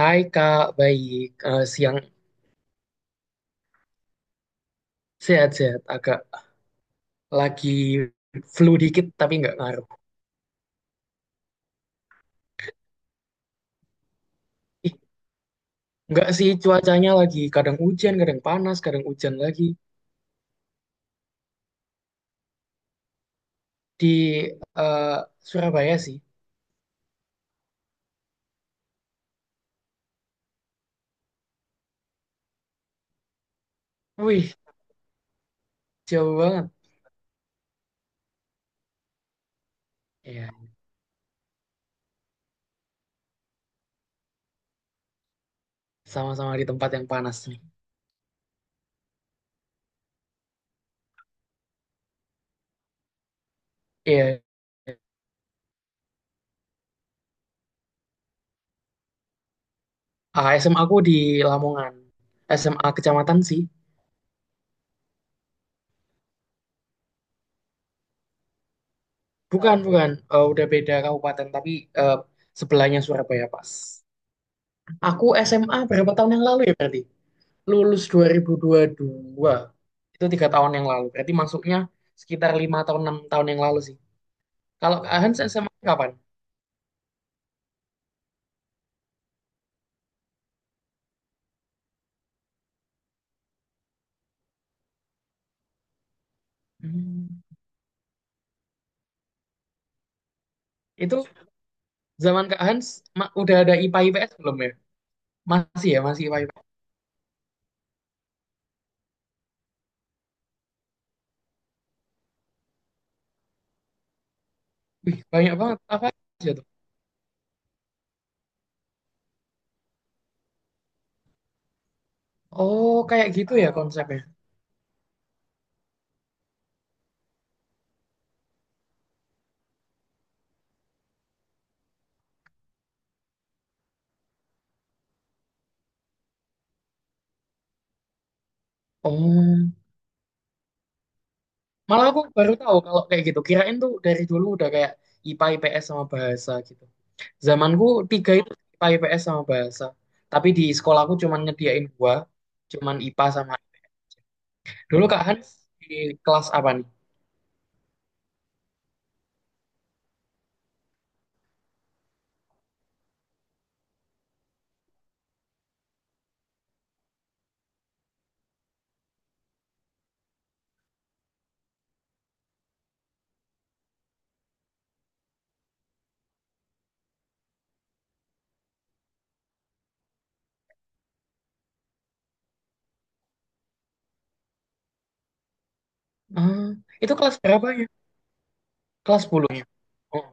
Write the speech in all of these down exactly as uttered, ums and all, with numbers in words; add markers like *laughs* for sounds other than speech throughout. Hai Kak, baik. Eh, siang, sehat-sehat. Agak lagi flu dikit tapi nggak ngaruh. Ih, nggak sih, cuacanya lagi kadang hujan, kadang panas, kadang hujan lagi di eh, Surabaya sih. Wih, jauh banget. Iya, sama-sama di tempat yang panas nih. Iya. Ah, S M A aku di Lamongan. S M A kecamatan sih. Bukan, bukan. Eh, udah beda kabupaten tapi eh, sebelahnya Surabaya pas. Aku S M A berapa tahun yang lalu ya berarti? Lulus dua ribu dua ribu dua, itu tiga tahun yang lalu berarti masuknya sekitar lima tahun, enam tahun yang lalu sih. Kalau Kak Hans S M A kapan? Hmm. Itu zaman Kak Hans ma- udah ada I P A I P S belum ya? Masih, ya, masih I P A I P S. Wih, banyak banget, apa aja tuh? Oh, kayak gitu ya konsepnya. Oh, malah aku baru tahu kalau kayak gitu, kirain tuh dari dulu udah kayak I P A I P S sama bahasa gitu. Zamanku tiga itu I P A I P S sama bahasa, tapi di sekolahku cuman nyediain dua, cuman I P A sama. Dulu Kak Hans di kelas apa nih? Ah, itu kelas berapa ya? Kelas sepuluhnya-nya. Oh,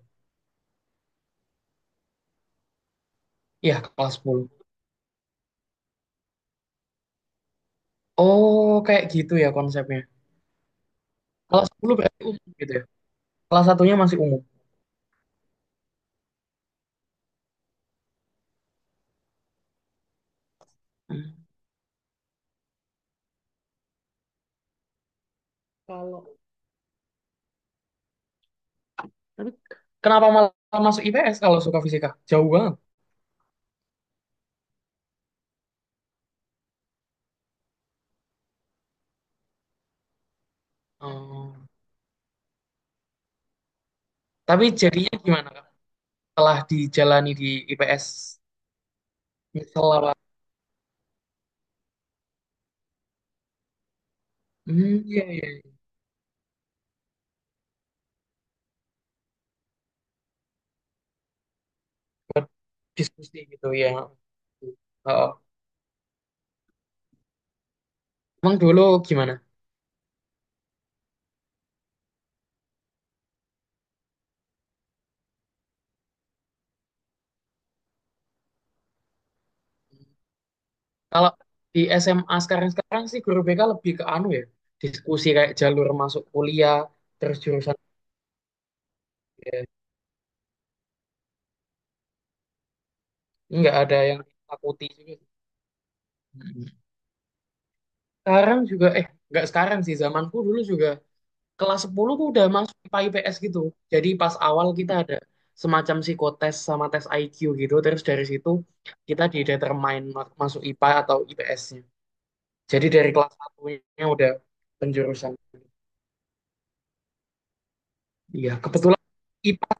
iya, kelas sepuluh. Oh, kayak gitu ya konsepnya. Kelas sepuluh berarti umum gitu ya. Kelas satunya masih umum. Hmm. Kalau Tapi kenapa malah masuk I P S kalau suka fisika? Jauh banget. Oh. Tapi jadinya gimana, Kak? Setelah dijalani di I P S, misal apa? Hmm, iya, iya, iya. Buat diskusi gitu ya. Oh. Emang dulu gimana? Kalau di S M A sekarang-sekarang sih guru B K lebih ke anu ya, diskusi kayak jalur masuk kuliah, terus jurusan ya, nggak ada yang takuti juga. Mm. Sekarang juga, eh, nggak sekarang sih, zamanku dulu juga kelas sepuluh tuh udah masuk I P A I P S gitu. Jadi pas awal kita ada semacam psikotes sama tes I Q gitu, terus dari situ kita didetermine ma- masuk I P A atau I P S-nya. Jadi dari kelas satunya udah penjurusan. Iya, kebetulan I P A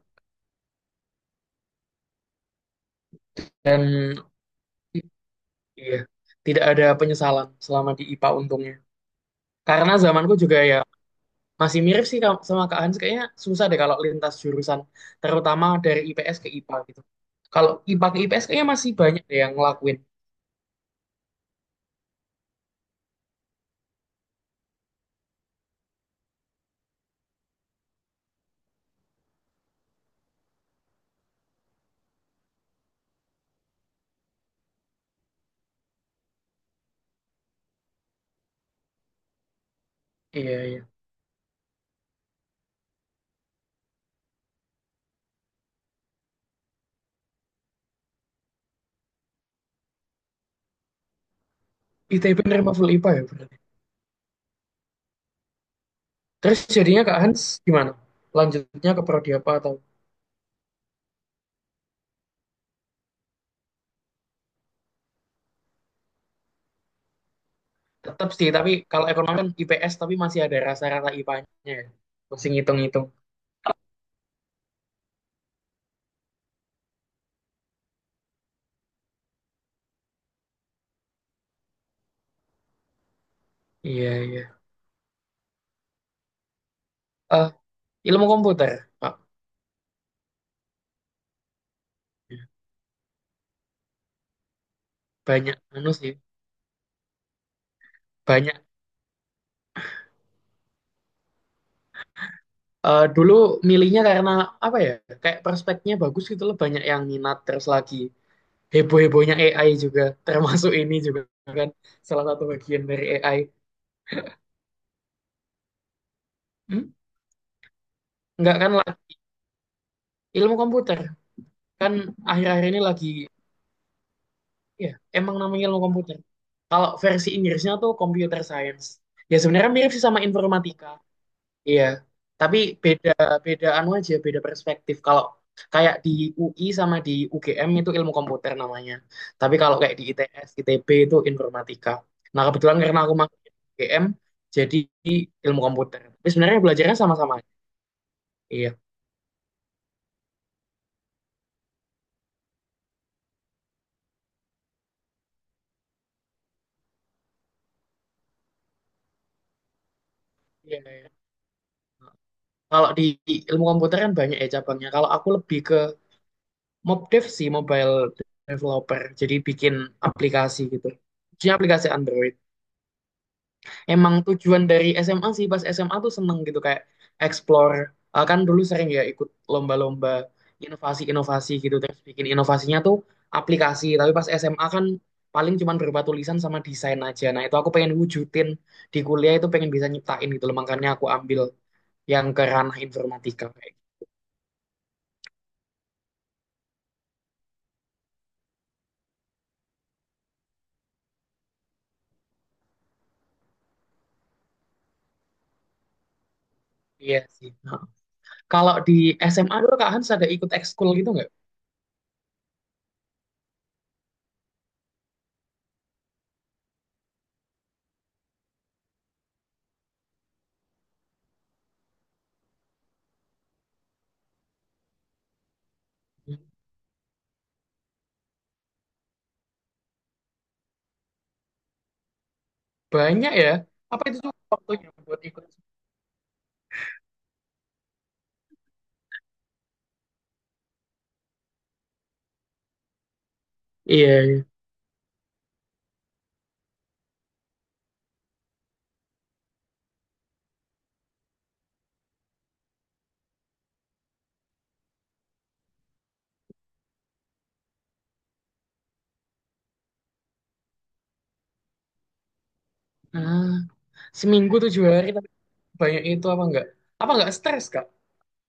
dan. Iya, tidak ada penyesalan selama di I P A untungnya. Karena zamanku juga ya masih mirip sih ka- sama Kak Hans. Kayaknya susah deh kalau lintas jurusan, terutama dari IPS ke IPA gitu. Kalau IPA ke IPS kayaknya masih banyak deh yang ngelakuin. Iya, iya. I T B nerima full I P A ya berarti. Terus jadinya Kak Hans gimana? Lanjutnya ke prodi apa, atau tetap sih, tapi kalau ekonomi kan I P S tapi masih ada rasa-rasa I P A-nya ya. Masih ngitung-ngitung. Iya, iya. Eh, ilmu komputer. Pak, banyak anu sih. Banyak. Eh, dulu milihnya karena apa ya? Kayak prospeknya bagus gitu loh, banyak yang minat terus lagi heboh-hebohnya A I juga, termasuk ini juga kan salah satu bagian dari A I. Hmm? Enggak kan lah, ilmu komputer kan akhir-akhir ini lagi ya, emang namanya ilmu komputer. Kalau versi Inggrisnya tuh computer science. Ya sebenarnya mirip sih sama informatika. Iya, tapi beda, beda anu aja, beda perspektif. Kalau kayak di U I sama di U G M itu ilmu komputer namanya. Tapi kalau kayak di I T S, I T B itu informatika. Nah, kebetulan karena aku masuk U G M, jadi ilmu komputer. Tapi sebenarnya belajarnya sama-sama. Iya. Iya, iya. Kalau di ilmu komputer kan banyak ya cabangnya. Kalau aku lebih ke MobDev sih, mobile developer. Jadi bikin aplikasi gitu. Jadi aplikasi Android. Emang tujuan dari S M A sih, pas S M A tuh seneng gitu kayak explore. Eh, kan dulu sering ya ikut lomba-lomba inovasi-inovasi gitu, terus bikin inovasinya tuh aplikasi, tapi pas S M A kan paling cuman berupa tulisan sama desain aja. Nah, itu aku pengen wujudin di kuliah, itu pengen bisa nyiptain gitu loh, makanya aku ambil yang ke ranah informatika kayak gitu. Iya sih. Nah, kalau di S M A dulu Kak Hans ada ikut ekskul gitu nggak? Banyak ya. Apa itu tuh waktunya buat ikut? Iya, iya. Ah. Seminggu tujuh hari tapi banyak itu apa enggak? Apa enggak stres, Kak?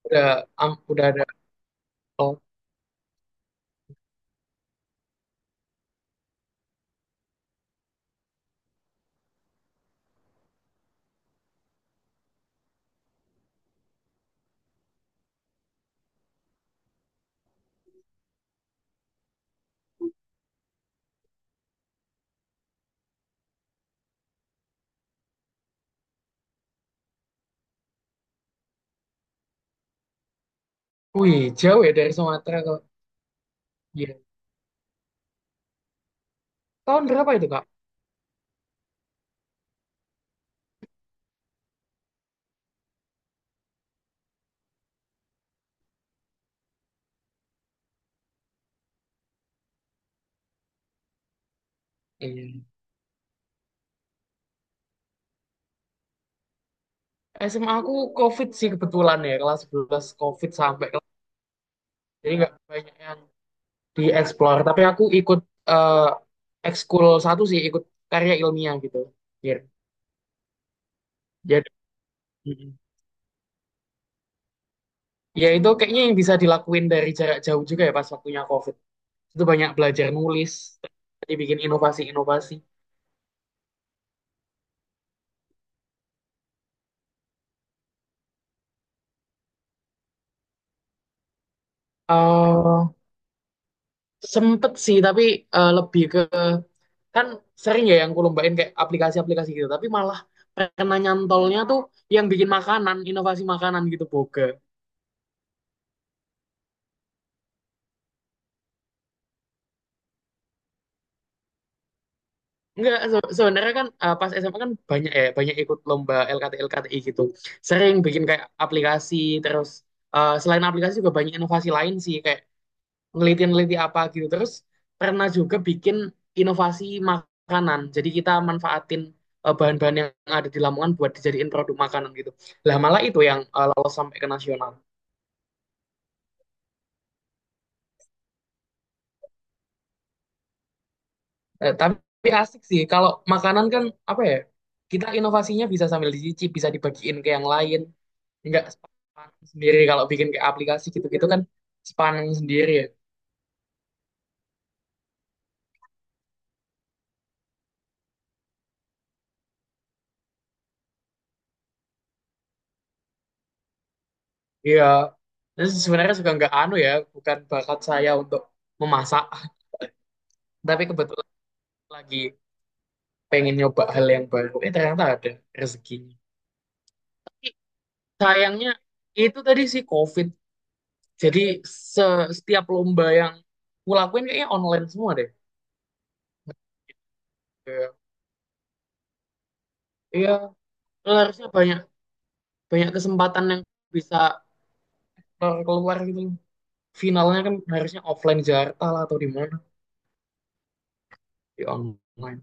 Udah am- udah ada. Oh. Wih, jauh ya dari Sumatera ke. Iya. Tahun berapa itu, Kak? Iya. S M A aku COVID sih kebetulan ya, kelas sebelas COVID sampai kelas. Jadi nggak banyak yang dieksplor, tapi aku ikut eh ekskul satu sih, ikut karya ilmiah gitu. Iya. Jadi mm. ya itu kayaknya yang bisa dilakuin dari jarak jauh juga ya pas waktunya COVID. Itu banyak belajar nulis, dibikin inovasi-inovasi. eh sempet sih, tapi eh, lebih ke, kan sering ya yang kulombain kayak aplikasi-aplikasi gitu, tapi malah karena nyantolnya tuh yang bikin makanan, inovasi makanan gitu, boga. Enggak, se- sebenarnya kan eh, pas S M A kan banyak ya, banyak ikut lomba L K T L K T I gitu, sering bikin kayak aplikasi, terus eh, selain aplikasi juga banyak inovasi lain sih kayak ngeliti-ngeliti apa gitu. Terus pernah juga bikin inovasi makanan. Jadi kita manfaatin eh, bahan-bahan yang ada di Lamongan buat dijadiin produk makanan gitu. Lah malah itu yang eh, lolos sampai ke nasional. Eh, tapi asik sih kalau makanan kan, apa ya? Kita inovasinya bisa sambil dicicip, bisa dibagiin ke yang lain. Enggak sepaneng sendiri kalau bikin kayak aplikasi gitu-gitu kan sepaneng sendiri ya. Iya. Terus sebenarnya juga nggak anu ya, bukan bakat saya untuk memasak, tapi kebetulan lagi pengen nyoba hal yang baru, eh ternyata ada rezekinya. Tapi sayangnya itu tadi sih COVID, jadi se- setiap lomba yang kulakuin kayaknya online semua deh. Kayak, iya harusnya banyak, banyak kesempatan yang bisa keluar, keluar gitu, finalnya kan harusnya offline di Jakarta lah atau di mana, di online.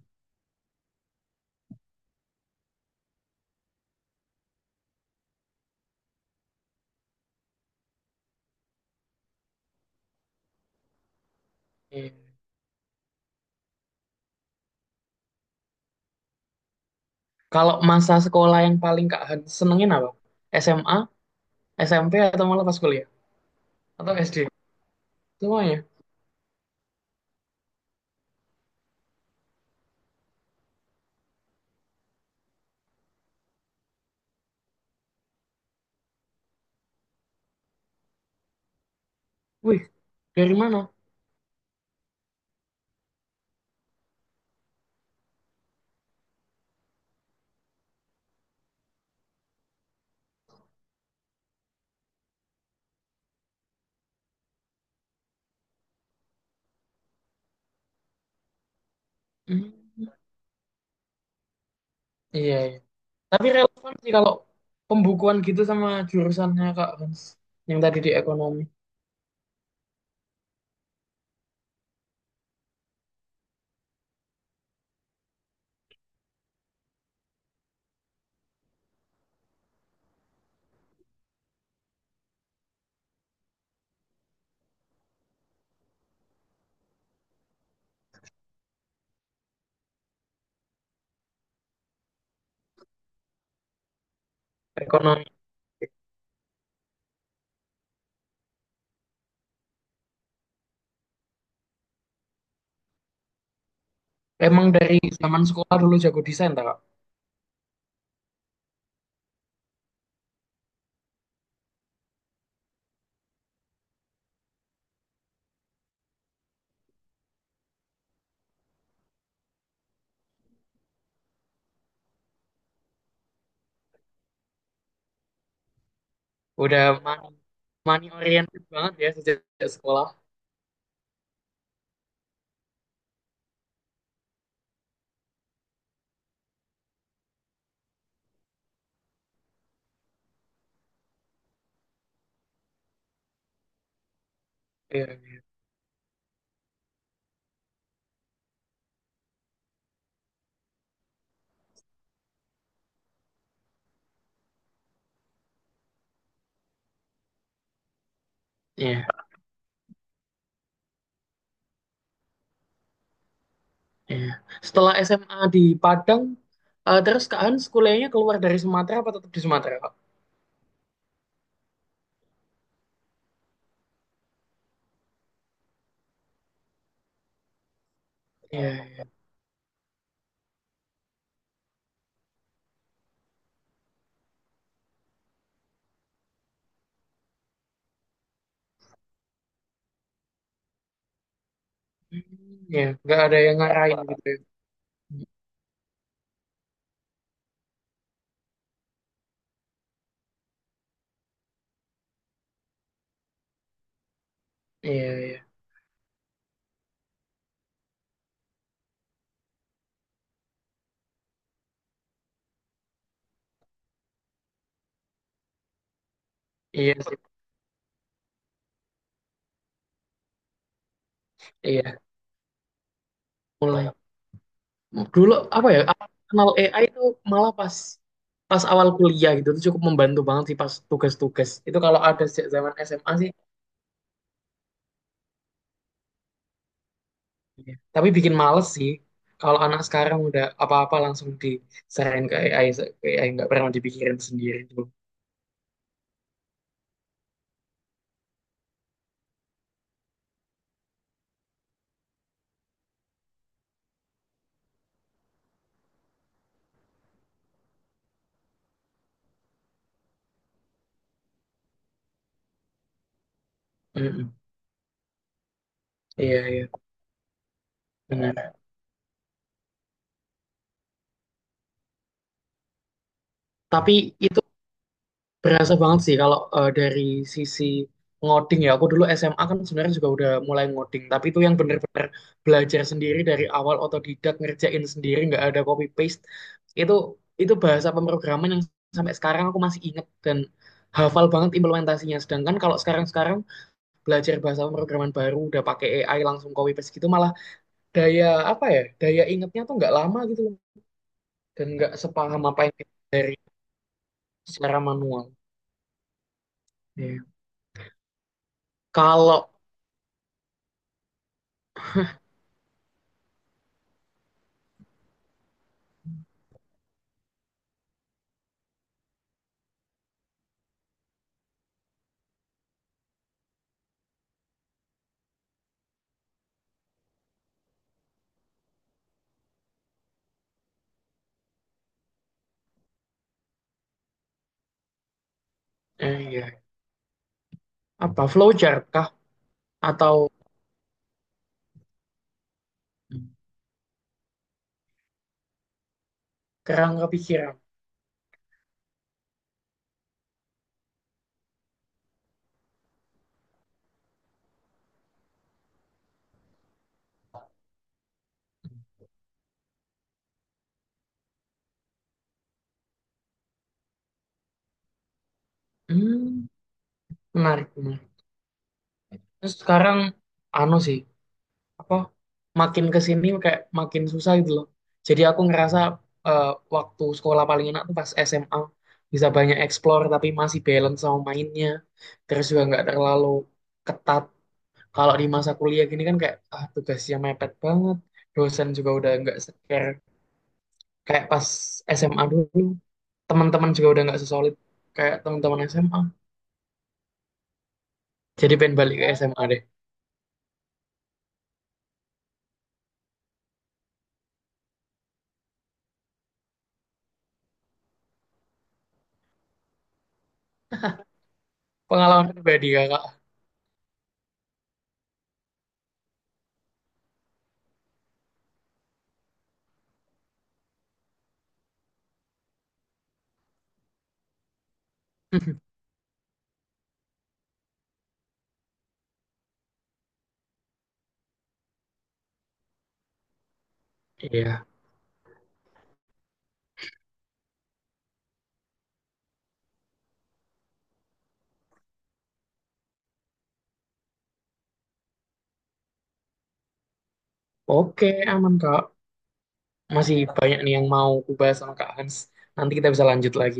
Iya. Kalau masa sekolah yang paling Kak Han senengin apa? S M A, S M P, atau malah pas kuliah, atau S D? Semuanya. Wih, dari mana? Hmm, iya, iya. Tapi relevan sih kalau pembukuan gitu sama jurusannya Kak Hans. Yang tadi di ekonomi. Ekonomi. Emang dari zaman sekolah dulu jago desain tak, Kak? Udah money, money oriented banget ya sejak sejak sekolah. Iya, iya, iya. Setelah S M A di Padang, eh, terus Kak Hans kuliahnya keluar dari Sumatera apa tetap di Sumatera, Kak? Iya, iya. Hmm. Iya, nggak ada yang ngarahin gitu ya. Iya, iya. Iya sih. Iya, mulai. Dulu apa ya aku kenal A I itu, malah pas pas awal kuliah gitu, itu cukup membantu banget sih pas tugas-tugas itu kalau ada sejak zaman S M A sih. Iya, tapi bikin males sih kalau anak sekarang udah apa-apa langsung diserahin ke A I, se- ke A I nggak pernah dipikirin sendiri dulu. Mm-mm. Iya, iya, benar. Tapi itu berasa banget sih kalau eh, dari sisi ngoding ya. Aku dulu S M A kan sebenarnya juga udah mulai ngoding, tapi itu yang bener-bener belajar sendiri dari awal, otodidak, ngerjain sendiri, nggak ada copy paste. Itu itu bahasa pemrograman yang sampai sekarang aku masih inget dan hafal banget implementasinya. Sedangkan kalau sekarang-sekarang belajar bahasa pemrograman baru udah pakai A I langsung copy paste gitu, malah daya apa ya? Daya ingetnya tuh nggak lama gitu loh. Dan nggak sepaham apa yang dari secara manual. Iya. Kalau eh, iya, apa flowchart kah, atau kerangka pikiran? Hmm, menarik, menarik. Terus sekarang anu sih, apa, makin ke sini kayak makin susah gitu loh. Jadi aku ngerasa eh, waktu sekolah paling enak tuh pas S M A, bisa banyak explore tapi masih balance sama mainnya. Terus juga nggak terlalu ketat. Kalau di masa kuliah gini kan kayak, ah, tugasnya mepet banget. Dosen juga udah nggak seker kayak pas S M A dulu, teman-teman juga udah nggak sesolid kayak teman-teman S M A. Jadi pengen balik ke S M A deh. Pengalaman pribadi kakak. *laughs* Iya, oke, aman Kak. Masih banyak nih yang mau ku sama Kak Hans. Nanti kita bisa lanjut lagi.